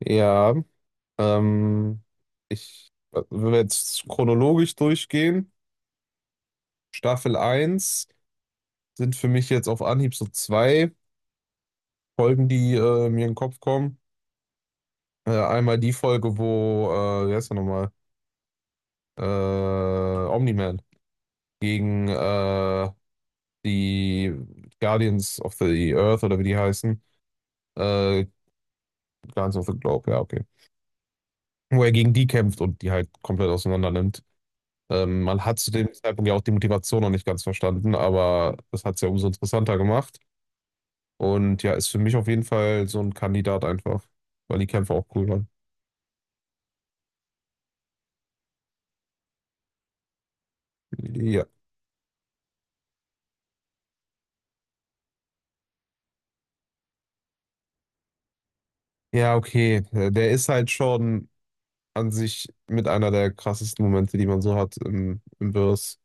Ja, ähm, wenn wir jetzt chronologisch durchgehen, Staffel eins sind für mich jetzt auf Anhieb so zwei Folgen, die mir in den Kopf kommen. Einmal die Folge, wo, wie heißt er nochmal, Omni-Man gegen die Guardians of the Earth oder wie die heißen, äh, Guardians of the Globe, ja, okay. Wo er gegen die kämpft und die halt komplett auseinander nimmt. Man hat zu dem Zeitpunkt ja auch die Motivation noch nicht ganz verstanden, aber das hat es ja umso interessanter gemacht. Und ja, ist für mich auf jeden Fall so ein Kandidat einfach, weil die Kämpfe auch cool waren. Ja. Ja, okay. Der ist halt schon an sich mit einer der krassesten Momente, die man so hat im, im Verse.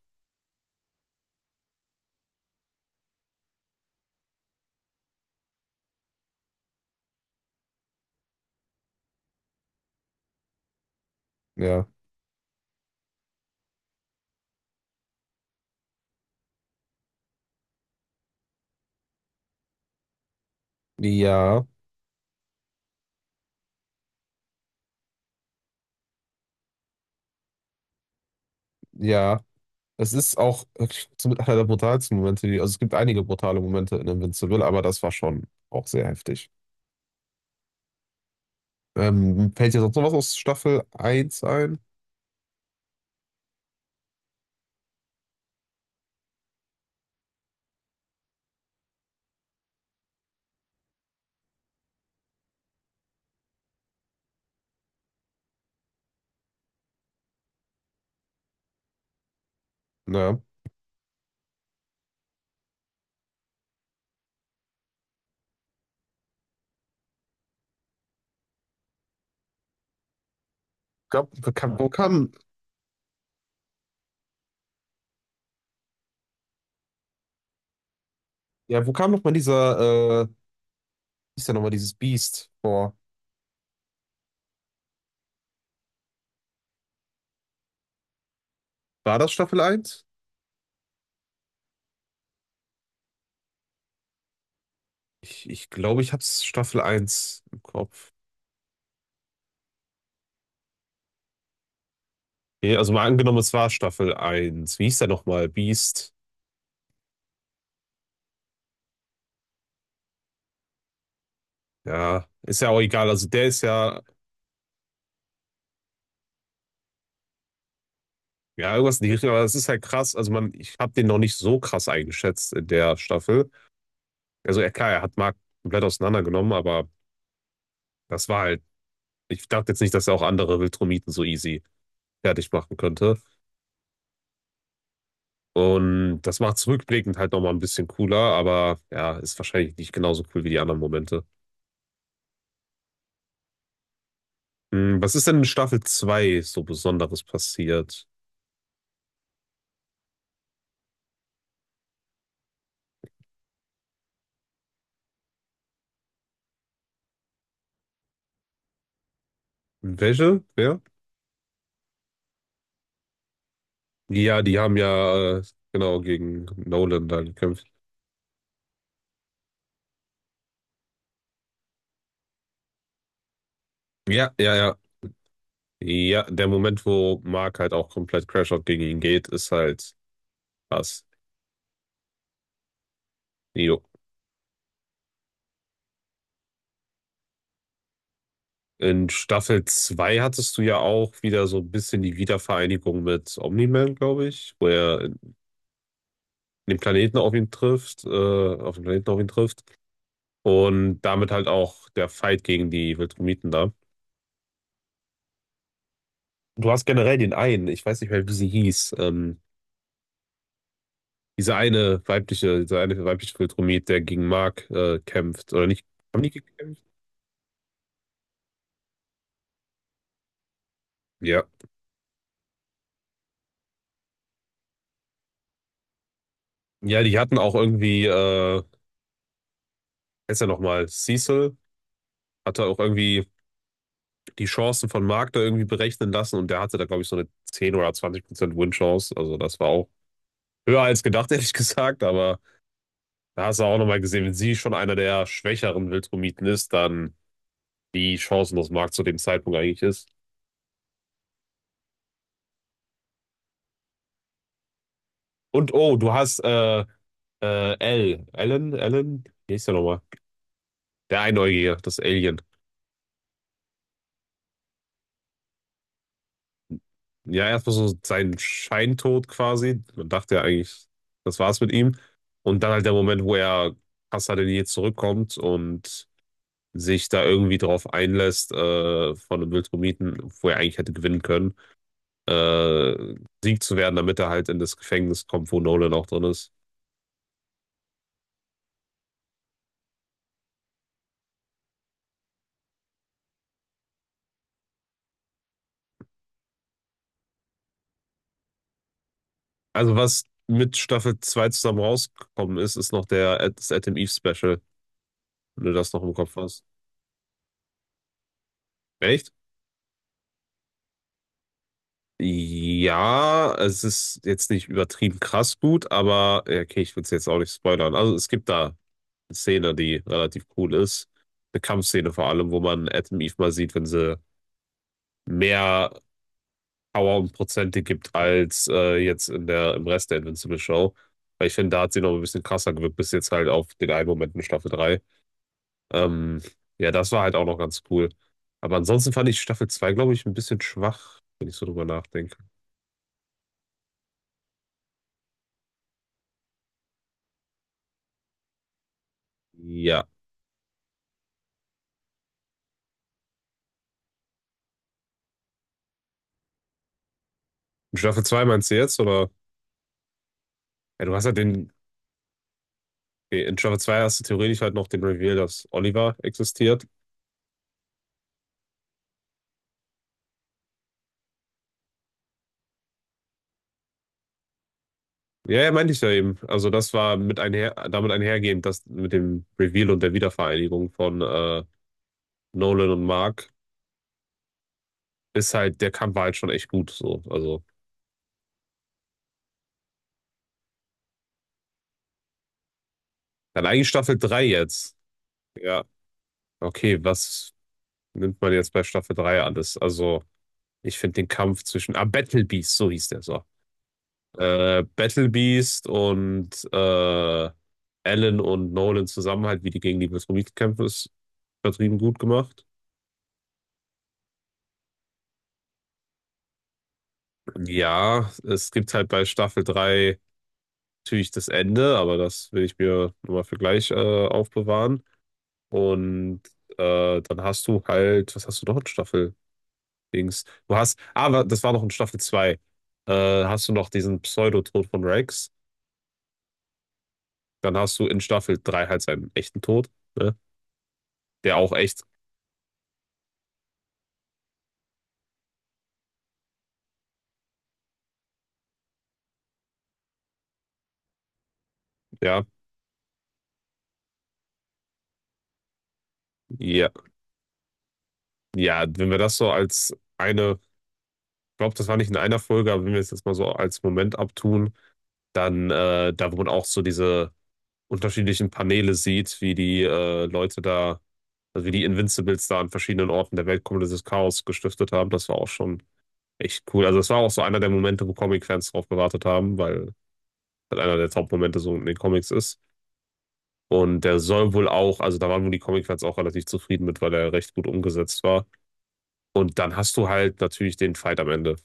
Ja. Ja, ja. Es ist auch wirklich so mit einer der brutalsten Momente, die, also es gibt einige brutale Momente in Invincible, aber das war schon auch sehr heftig. Fällt dir sonst noch was aus Staffel eins ein? Ja. Wo kam, ja, wo kam nochmal dieser, hieß ja nochmal dieses Biest vor? War das Staffel eins? Ich glaube, ich hab's Staffel eins im Kopf. Nee, also mal angenommen, es war Staffel eins. Wie hieß der nochmal? Beast. Ja, ist ja auch egal. Also der ist ja, ja, irgendwas in die Richtung, aber das ist halt krass. Also man, ich habe den noch nicht so krass eingeschätzt in der Staffel. Also ja, klar, er hat Mark komplett auseinandergenommen, aber das war halt, ich dachte jetzt nicht, dass er auch andere Viltrumiten so easy fertig machen könnte. Und das macht es rückblickend halt nochmal ein bisschen cooler, aber ja, ist wahrscheinlich nicht genauso cool wie die anderen Momente. Hm, was ist denn in Staffel 2 so Besonderes passiert? Welche? Wer? Ja, die haben ja, genau, gegen Nolan da gekämpft. Ja, ja, ja. Ja, der Moment, wo Mark halt auch komplett Crashout gegen ihn geht, ist halt krass. Jo. In Staffel 2 hattest du ja auch wieder so ein bisschen die Wiedervereinigung mit Omni-Man, glaube ich, wo er den Planeten auf ihn trifft, auf den Planeten auf ihn trifft und damit halt auch der Fight gegen die Viltrumiten da. Du hast generell den einen, ich weiß nicht mehr, wie sie hieß, diese eine weibliche Viltrumit, der gegen Mark kämpft, oder nicht? Haben die gekämpft? Ja. Ja, die hatten auch irgendwie, heißt ja nochmal, Cecil hatte auch irgendwie die Chancen von Mark da irgendwie berechnen lassen und der hatte da, glaube ich, so eine 10 oder 20% Win-Chance. Also das war auch höher als gedacht, ehrlich gesagt, aber da hast du auch nochmal gesehen, wenn sie schon einer der schwächeren Wildromiten ist, dann wie chancenlos Mark zu dem Zeitpunkt eigentlich ist. Und oh, du hast L. Ellen, wie hieß der nochmal? Der Einäugige, das Alien. Ja, erstmal so sein Scheintod quasi. Man dachte ja eigentlich, das war's mit ihm. Und dann halt der Moment, wo er krasser denn je zurückkommt und sich da irgendwie drauf einlässt von einem Wildromiten, wo er eigentlich hätte gewinnen können. äh, Sieg zu werden, damit er halt in das Gefängnis kommt, wo Nolan auch drin ist. Also was mit Staffel 2 zusammen rausgekommen ist, ist noch der, das Adam Eve Special, wenn du das noch im Kopf hast. Echt? Ja, es ist jetzt nicht übertrieben krass gut, aber ja, okay, ich will es jetzt auch nicht spoilern. Also es gibt da eine Szene, die relativ cool ist. Eine Kampfszene vor allem, wo man Adam Eve mal sieht, wenn sie mehr Power und Prozente gibt als jetzt in der, im Rest der Invincible Show. Weil ich finde, da hat sie noch ein bisschen krasser gewirkt, bis jetzt halt auf den einen Moment in Staffel 3. Ähm, ja, das war halt auch noch ganz cool. Aber ansonsten fand ich Staffel 2 glaube ich, ein bisschen schwach, wenn ich so drüber nachdenke. Ja. In Staffel 2 meinst du jetzt? Oder? Ja, du hast halt den. Okay, in Staffel 2 hast du theoretisch halt noch den Reveal, dass Oliver existiert. Ja, ja, meinte ich ja eben. Also das war mit einher, damit einhergehend, dass mit dem Reveal und der Wiedervereinigung von Nolan und Mark. Ist halt, der Kampf war halt schon echt gut. So. Also, dann eigentlich Staffel 3 jetzt. Ja, okay, was nimmt man jetzt bei Staffel 3 alles? Also, ich finde den Kampf zwischen, Battle Beast, so hieß der so. Battle Beast und Alan und Nolan zusammen halt, wie die gegen die Viltrumiten kämpfen, ist übertrieben gut gemacht. Ja, es gibt halt bei Staffel 3 natürlich das Ende, aber das will ich mir nochmal für gleich aufbewahren. Und dann hast du halt, was hast du noch in Staffel Dings? Du hast, aber das war noch in Staffel zwei. Hast du noch diesen Pseudotod von Rex? Dann hast du in Staffel 3 halt seinen echten Tod, ne? Der auch echt, ja, ja, ja, wenn wir das so als eine, ich glaube, das war nicht in einer Folge, aber wenn wir es jetzt mal so als Moment abtun, dann, da wo man auch so diese unterschiedlichen Paneele sieht, wie die Leute da. Also wie die Invincibles da an verschiedenen Orten der Welt komplettes Chaos gestiftet haben, das war auch schon echt cool. Also das war auch so einer der Momente, wo Comic-Fans drauf gewartet haben, weil das einer der Top-Momente so in den Comics ist. Und der soll wohl auch, also da waren wohl die Comic-Fans auch relativ zufrieden mit, weil er recht gut umgesetzt war. Und dann hast du halt natürlich den Fight am Ende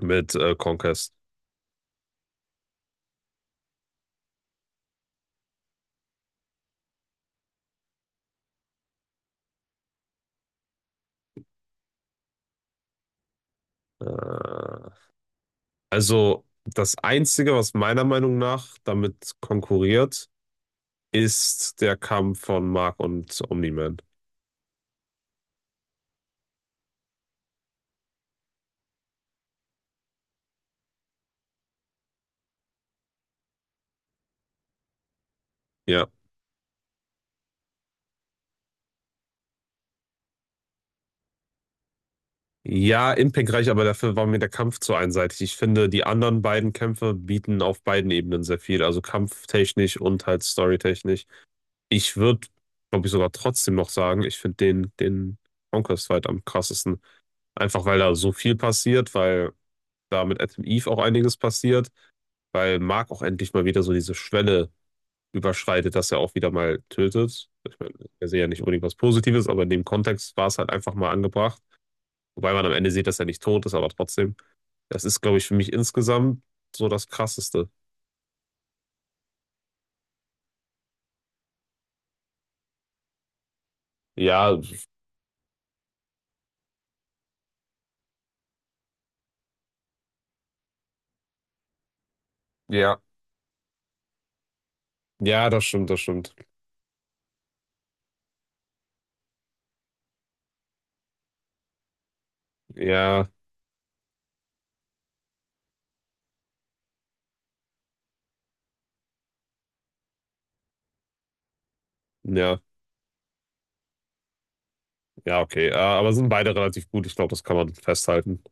mit Conquest. Äh, also das Einzige, was meiner Meinung nach damit konkurriert, ist der Kampf von Mark und Omni-Man. Ja. Ja, impactreich, aber dafür war mir der Kampf zu einseitig. Ich finde, die anderen beiden Kämpfe bieten auf beiden Ebenen sehr viel, also kampftechnisch und halt storytechnisch. Ich würde, glaube ich, sogar trotzdem noch sagen, ich finde den, den Conquest-Fight am krassesten. Einfach weil da so viel passiert, weil da mit Adam Eve auch einiges passiert, weil Mark auch endlich mal wieder so diese Schwelle überschreitet, dass er auch wieder mal tötet. Ich meine, er sehe ja nicht unbedingt was Positives, aber in dem Kontext war es halt einfach mal angebracht. Wobei man am Ende sieht, dass er nicht tot ist, aber trotzdem. Das ist, glaube ich, für mich insgesamt so das Krasseste. Ja, ja, ja, das stimmt, das stimmt. Ja, ja, ja, okay. Aber sind beide relativ gut. Ich glaube, das kann man festhalten.